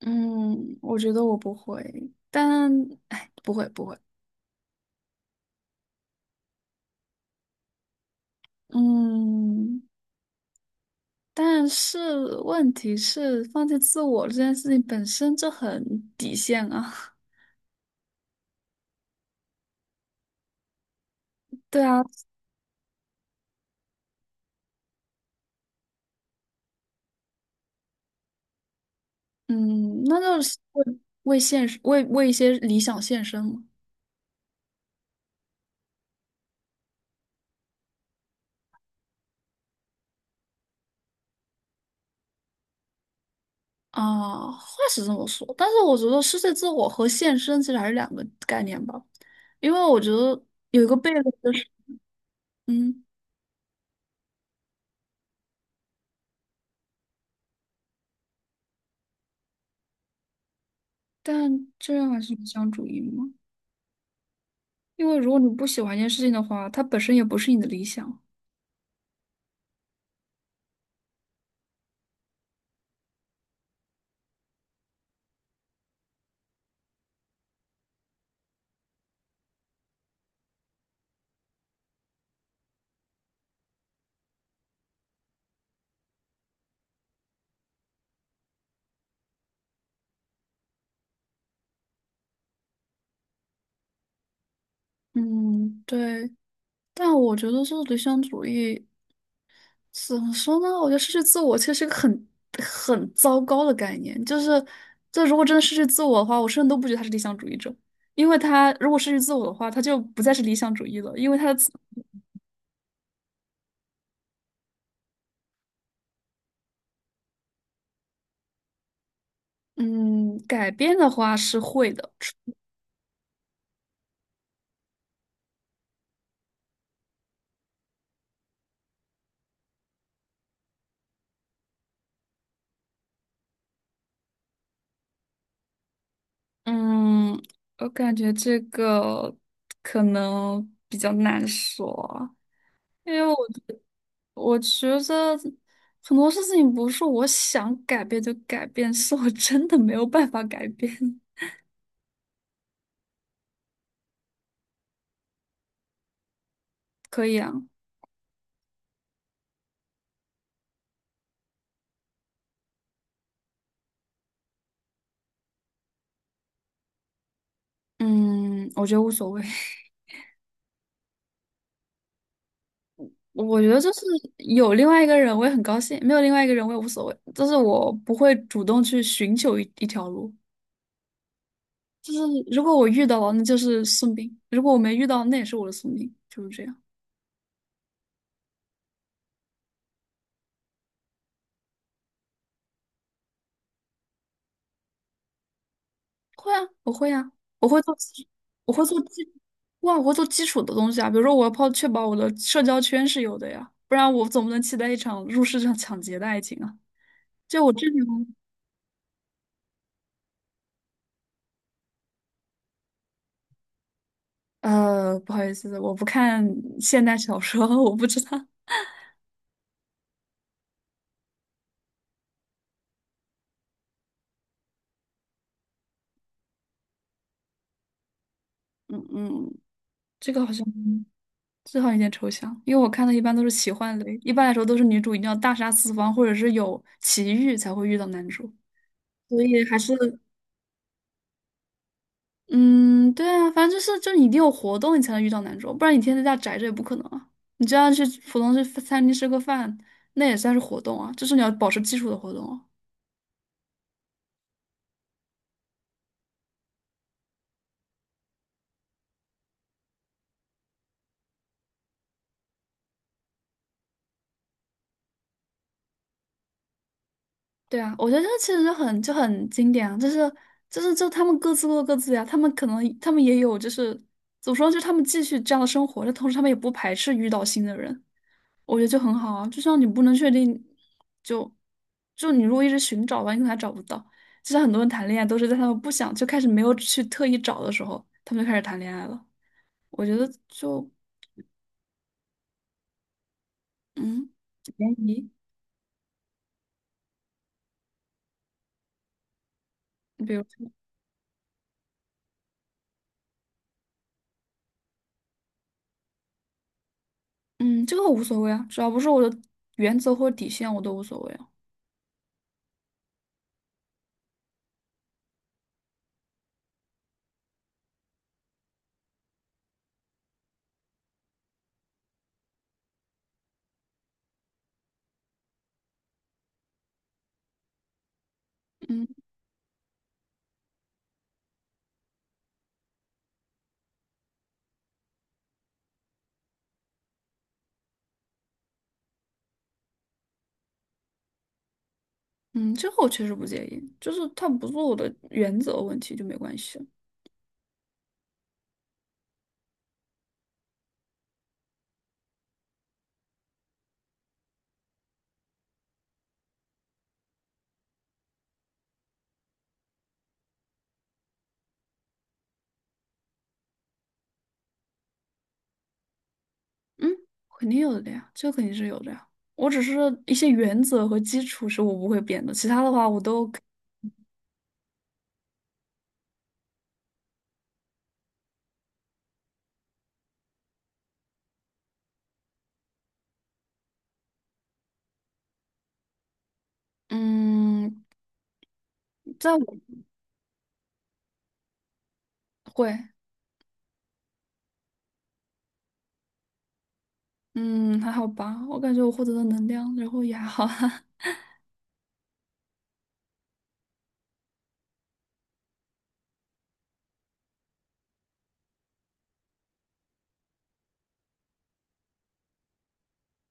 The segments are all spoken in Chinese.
嗯，我觉得我不会，但哎，不会不会。嗯，但是问题是，放弃自我这件事情本身就很底线啊。对啊，嗯，那就是为现实为一些理想献身嘛。啊，话是这么说，但是我觉得失去自我和献身其实还是两个概念吧，因为我觉得有一个悖论就是，嗯，但这样还是理想主义吗？因为如果你不喜欢一件事情的话，它本身也不是你的理想。嗯，对，但我觉得这理想主义怎么说呢？我觉得失去自我其实是个很糟糕的概念。就是，这如果真的失去自我的话，我甚至都不觉得他是理想主义者，因为他如果失去自我的话，他就不再是理想主义了。因为他的自嗯，改变的话是会的。嗯，我感觉这个可能比较难说。因为我觉得很多事情不是我想改变就改变，是我真的没有办法改变。可以啊。嗯，我觉得无所谓。我觉得就是有另外一个人，我也很高兴；没有另外一个人，我也无所谓。就是我不会主动去寻求一条路，就是如果我遇到了，那就是宿命；如果我没遇到，那也是我的宿命，就是这样。会啊，我会啊，我会做基，我会做基，哇，我会做基础的东西啊，比如说我要确保我的社交圈是有的呀，不然我总不能期待一场入室抢劫的爱情啊。就我这种。不好意思，我不看现代小说，我不知道 嗯嗯，这个好像这好像有点抽象，因为我看的一般都是奇幻类，一般来说都是女主一定要大杀四方，或者是有奇遇才会遇到男主，所以还是。嗯，对啊，反正就是你一定有活动，你才能遇到男主，不然你天天在家宅着也不可能啊。你就要去普通去餐厅吃个饭，那也算是活动啊，就是你要保持基础的活动啊。对啊，我觉得这其实就很经典啊，就是他们各自过各自呀、他们也有就是怎么说，就是他们继续这样的生活，但同时他们也不排斥遇到新的人。我觉得就很好啊，就像你不能确定，就就你如果一直寻找吧，你可能还找不到。就像很多人谈恋爱都是在他们不想就开始没有去特意找的时候，他们就开始谈恋爱了。我觉得就，嗯，联谊。比如说，嗯，这个我无所谓啊，只要不是我的原则或者底线，我都无所谓啊。嗯嗯，这个我确实不介意，就是他不是我的原则问题就没关系啊。嗯，肯定有的呀，这肯定是有的呀。我只是一些原则和基础是我不会变的，其他的话我都可。嗯。在我会。嗯还好吧，我感觉我获得的能量，然后也还好哈。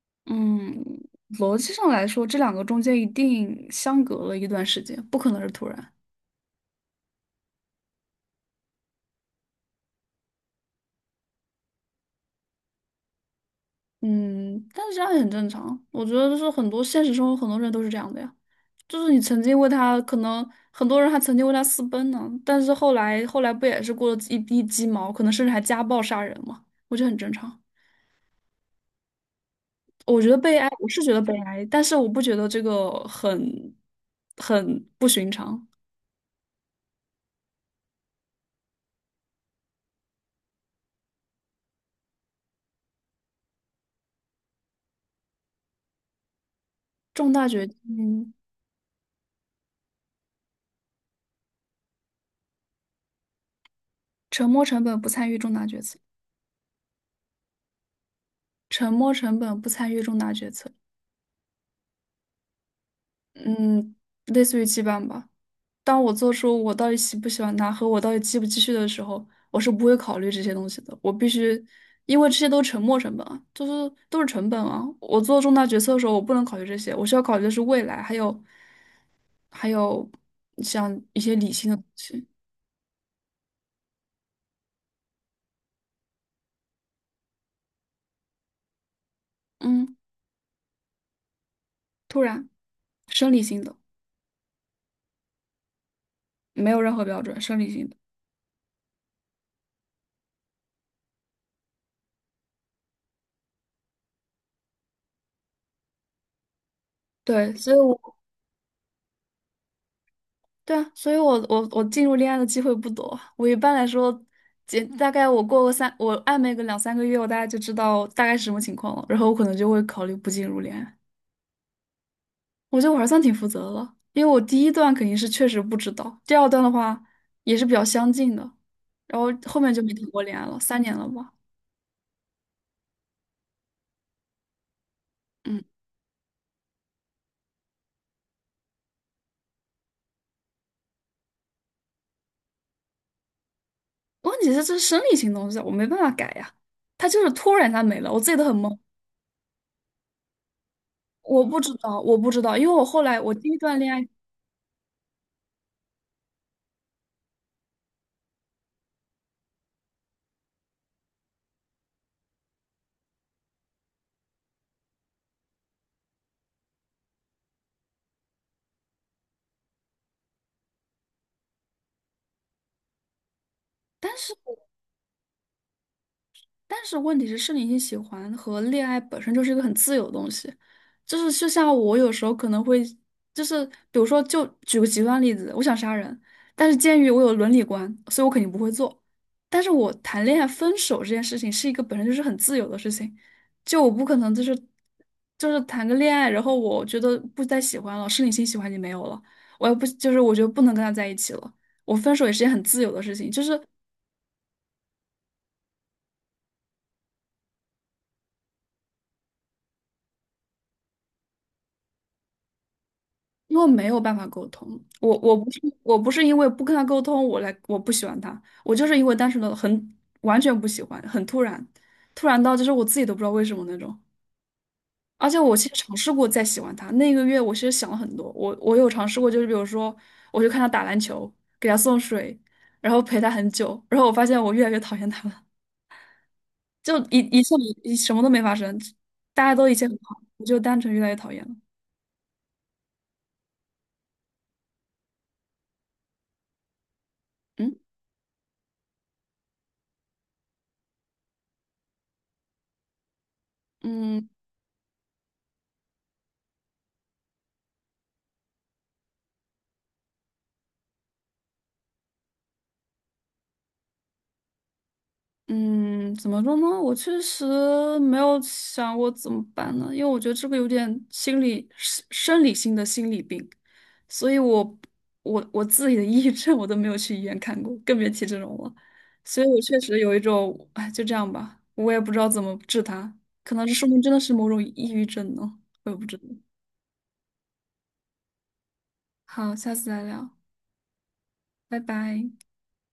嗯，逻辑上来说，这两个中间一定相隔了一段时间，不可能是突然。嗯，但是这样也很正常。我觉得就是很多现实生活很多人都是这样的呀，就是你曾经为他，可能很多人还曾经为他私奔呢，但是后来不也是过了一地鸡毛，可能甚至还家暴杀人嘛，我觉得很正常。我觉得悲哀，我是觉得悲哀，但是我不觉得这个很不寻常。重大决定。沉没成本不参与重大决策。沉没成本不参与重大决策。嗯，类似于羁绊吧。当我做出我到底喜不喜欢他和我到底继不继续的时候，我是不会考虑这些东西的。我必须，因为这些都是沉没成本啊，就是都是成本啊。我做重大决策的时候，我不能考虑这些，我需要考虑的是未来，还有还有像一些理性的东西。嗯，突然，生理性的，没有任何标准，生理性的。对，所以我。对啊，所以我进入恋爱的机会不多。我一般来说，大概我暧昧个两三个月，我大概就知道大概是什么情况了，然后我可能就会考虑不进入恋爱。我觉得我还算挺负责的了，因为我第一段肯定是确实不知道，第二段的话也是比较相近的，然后后面就没谈过恋爱了，3年了吧。嗯，问题是这是生理性东西啊，我没办法改呀，他就是突然它没了，我自己都很懵，我不知道，我不知道，因为我后来我第一段恋爱。但是但是问题是，是理性喜欢和恋爱本身就是一个很自由的东西，就是就像我有时候可能会，就是比如说，就举个极端例子，我想杀人，但是鉴于我有伦理观，所以我肯定不会做。但是我谈恋爱分手这件事情是一个本身就是很自由的事情，就我不可能就是谈个恋爱，然后我觉得不再喜欢了，生理性喜欢已经没有了，我也不就是我觉得不能跟他在一起了，我分手也是件很自由的事情，就是。因为没有办法沟通，我不是因为不跟他沟通，我不喜欢他，我就是因为单纯的完全不喜欢，很突然，突然到就是我自己都不知道为什么那种。而且我其实尝试过再喜欢他，那个月我其实想了很多，我有尝试过，就是比如说我就看他打篮球，给他送水，然后陪他很久，然后我发现我越来越讨厌他了，就一切什么都没发生，大家都一切很好，我就单纯越来越讨厌了。嗯嗯。嗯，怎么说呢？我确实没有想过怎么办呢，因为我觉得这个有点心理生生理性的心理病，所以我自己的抑郁症我都没有去医院看过，更别提这种了。所以我确实有一种，哎，就这样吧，我也不知道怎么治它，可能这说明真的是某种抑郁症呢，我也不知道。好，下次再聊，拜拜。